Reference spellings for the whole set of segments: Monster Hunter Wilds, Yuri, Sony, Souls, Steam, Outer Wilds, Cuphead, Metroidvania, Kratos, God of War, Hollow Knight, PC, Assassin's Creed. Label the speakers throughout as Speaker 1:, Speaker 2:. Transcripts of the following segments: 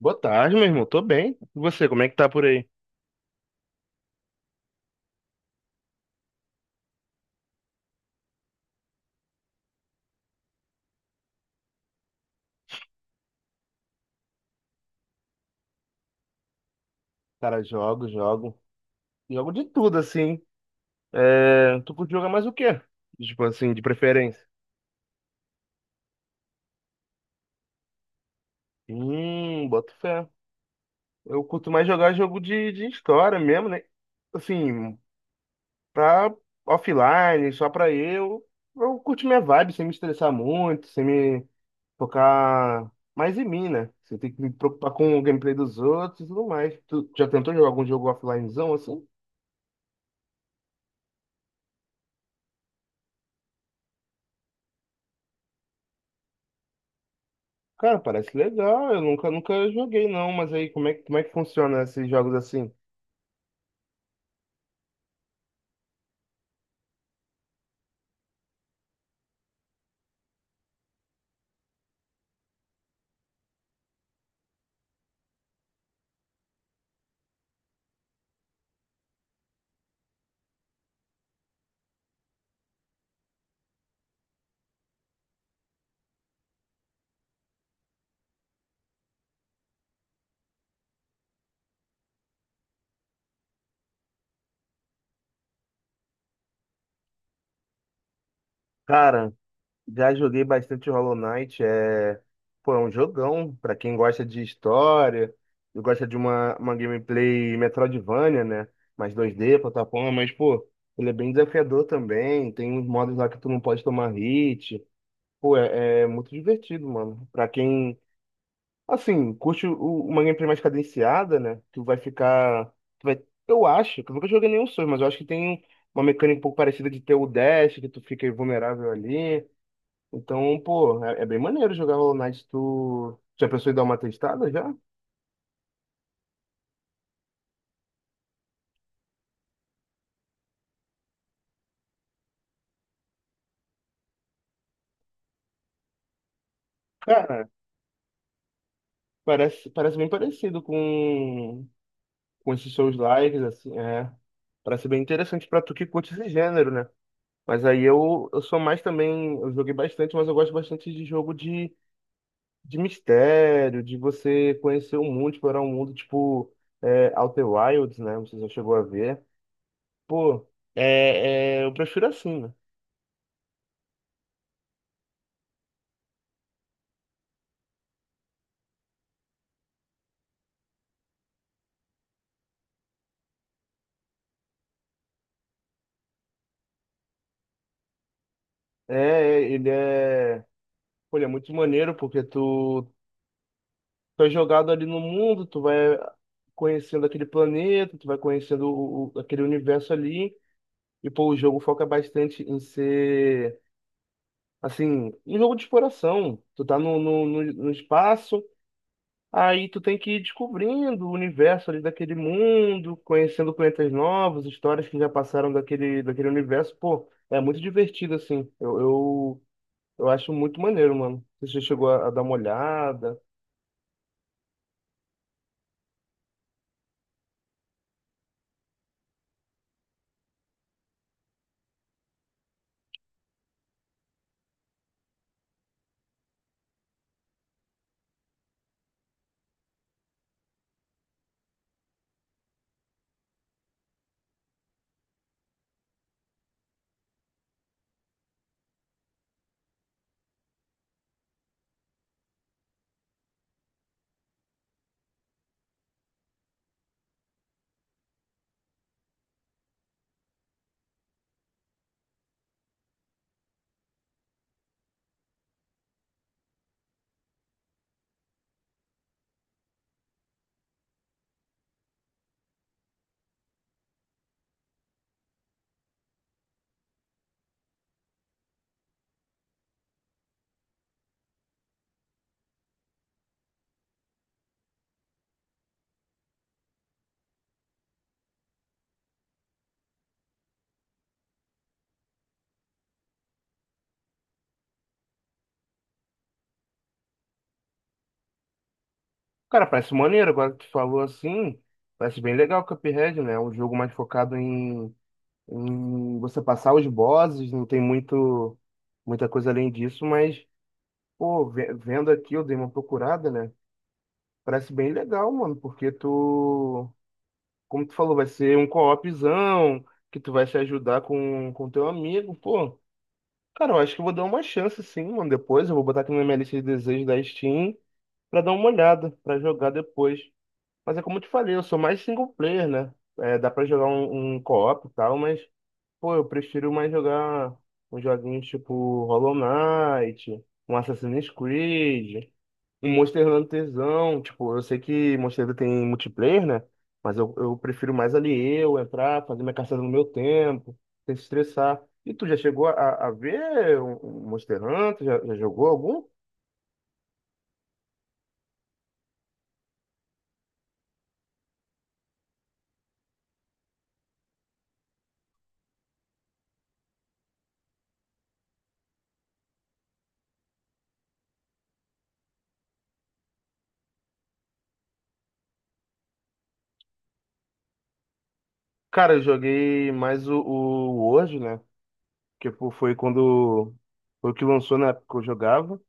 Speaker 1: Boa tarde, meu irmão. Tô bem. E você, como é que tá por aí? Cara, jogo. Jogo de tudo, assim. É, tu curte jogar mais o quê? Tipo assim, de preferência. Boto fé. Eu curto mais jogar jogo de história mesmo, né? Assim, pra offline, só pra eu. Eu curto minha vibe, sem me estressar muito, sem me focar mais em mim, né? Sem ter que me preocupar com o gameplay dos outros e tudo mais. Tu já tentou jogar algum jogo offlinezão assim? Cara, parece legal. Eu nunca joguei, não. Mas aí, como é que funciona esses jogos assim? Cara, já joguei bastante Hollow Knight. É, pô, é um jogão. Pra quem gosta de história, eu gosta de uma gameplay Metroidvania, né? Mais 2D, plataforma. Mas, pô, ele é bem desafiador também. Tem uns modos lá que tu não pode tomar hit. Pô, é muito divertido, mano. Pra quem assim, curte uma gameplay mais cadenciada, né? Tu vai ficar. Tu vai, eu acho, que eu nunca joguei nenhum Souls, mas eu acho que tem uma mecânica um pouco parecida de ter o dash, que tu fica vulnerável ali. Então, pô, é bem maneiro jogar Hollow Knight. Tu já pensou em dar uma testada já? Cara, parece bem parecido com esses Souls Lives assim, é. Parece bem interessante pra tu que curte esse gênero, né? Mas aí eu sou mais também. Eu joguei bastante, mas eu gosto bastante de jogo de. De mistério, de você conhecer o mundo, explorar o mundo, tipo é, Outer Wilds, né? Você já chegou a ver. Pô, eu prefiro assim, né? É, ele é, pô, ele é muito maneiro porque tu é jogado ali no mundo, tu vai conhecendo aquele planeta, tu vai conhecendo aquele universo ali. E, pô, o jogo foca bastante em ser, assim, um jogo de exploração. Tu tá no espaço. Aí tu tem que ir descobrindo o universo ali daquele mundo, conhecendo planetas novos, histórias que já passaram daquele universo. Pô, é muito divertido, assim. Eu acho muito maneiro, mano. Você já chegou a dar uma olhada. Cara, parece maneiro, agora que tu falou assim, parece bem legal o Cuphead, né? É um jogo mais focado em você passar os bosses, não tem muito, muita coisa além disso, mas, pô, vendo aqui, eu dei uma procurada, né? Parece bem legal, mano, porque tu como tu falou, vai ser um co-opzão, que tu vai se ajudar com teu amigo, pô. Cara, eu acho que eu vou dar uma chance sim, mano. Depois eu vou botar aqui na minha lista de desejos da Steam pra dar uma olhada, pra jogar depois. Mas é como eu te falei, eu sou mais single player, né? É, dá pra jogar um co-op e tal, mas, pô, eu prefiro mais jogar uns joguinhos tipo Hollow Knight, um Assassin's Creed. Um Monster Hunterzão, tipo, eu sei que Monster Hunter tem multiplayer, né? Mas eu prefiro mais ali eu entrar, fazer minha caçada no meu tempo, sem se estressar. E tu já chegou a ver um Monster Hunter? Já jogou algum? Cara, eu joguei mais o World, né? Que pô, foi quando foi o que lançou na época que eu jogava.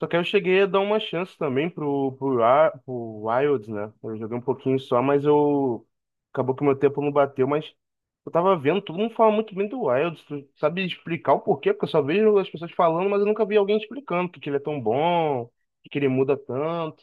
Speaker 1: Só que aí eu cheguei a dar uma chance também pro Wilds, né? Eu joguei um pouquinho só, mas eu. Acabou que meu tempo não bateu, mas eu tava vendo, todo mundo fala muito bem do Wilds. Tu sabe explicar o porquê? Porque eu só vejo as pessoas falando, mas eu nunca vi alguém explicando porque ele é tão bom, porque ele muda tanto.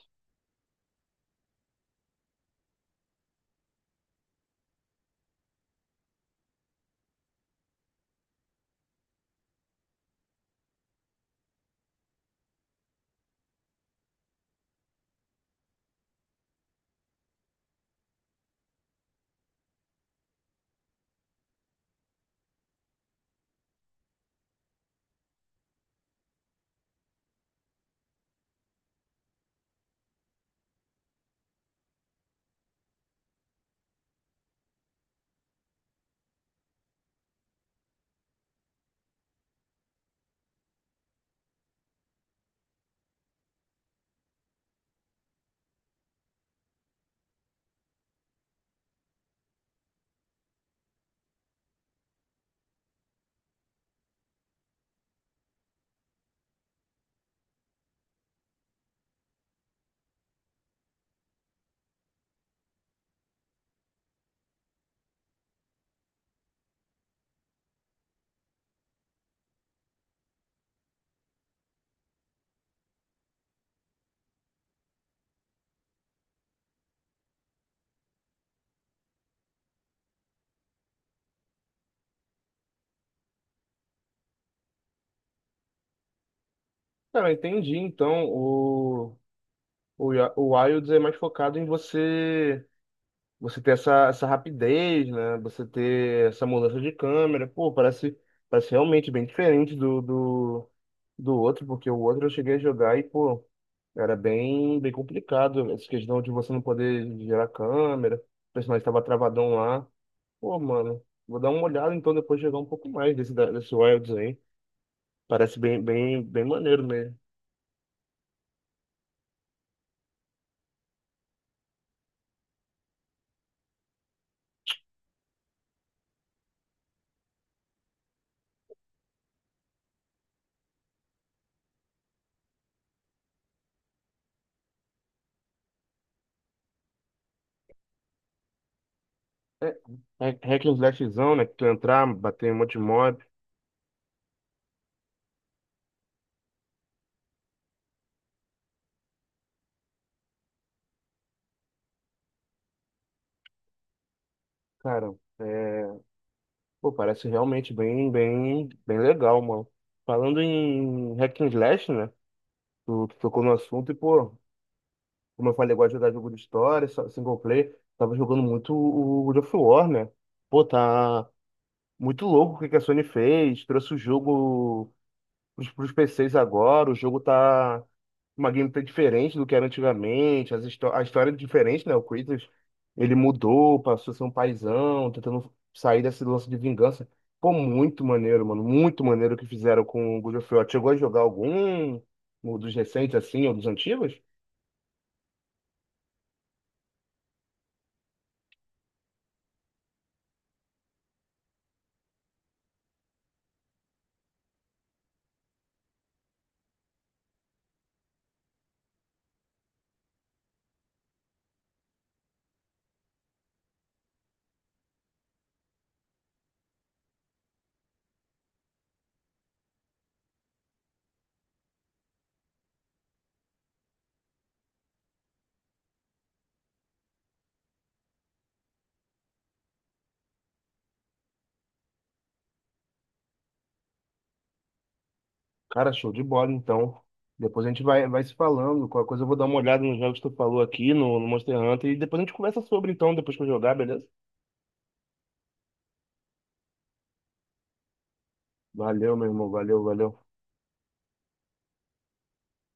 Speaker 1: Cara, eu entendi. Então, o Wilds é mais focado em você. Você ter essa, essa rapidez, né? Você ter essa mudança de câmera. Pô, parece realmente bem diferente do outro, porque o outro eu cheguei a jogar e, pô, era bem complicado. Essa questão de você não poder gerar câmera, o personagem estava travadão lá. Pô, mano, vou dar uma olhada então depois de jogar um pouco mais desse Wilds aí. Parece bem maneiro mesmo. É, hack and slashzão, né? Que tu entrar, bater em um monte de mob. Cara, é, pô, parece realmente bem legal, mano. Falando em hack and slash, né? Tu tocou no assunto e, pô, como eu falei, eu gosto de jogar jogo de história, single player. Tava jogando muito o God of War, né? Pô, tá muito louco o que que a Sony fez. Trouxe o jogo os, pros PCs agora, o jogo tá uma gameplay diferente do que era antigamente, as histó a história é diferente, né? O Kratos, ele mudou, passou a ser um paizão, tentando sair desse lance de vingança. Pô, muito maneiro, mano, muito maneiro o que fizeram com o God of War. Chegou a jogar algum um dos recentes, assim, ou dos antigos? Cara, show de bola, então. Depois a gente vai, vai se falando. Qualquer coisa eu vou dar uma olhada nos jogos que tu falou aqui no Monster Hunter e depois a gente conversa sobre, então, depois que eu jogar, beleza? Valeu, meu irmão, valeu, valeu.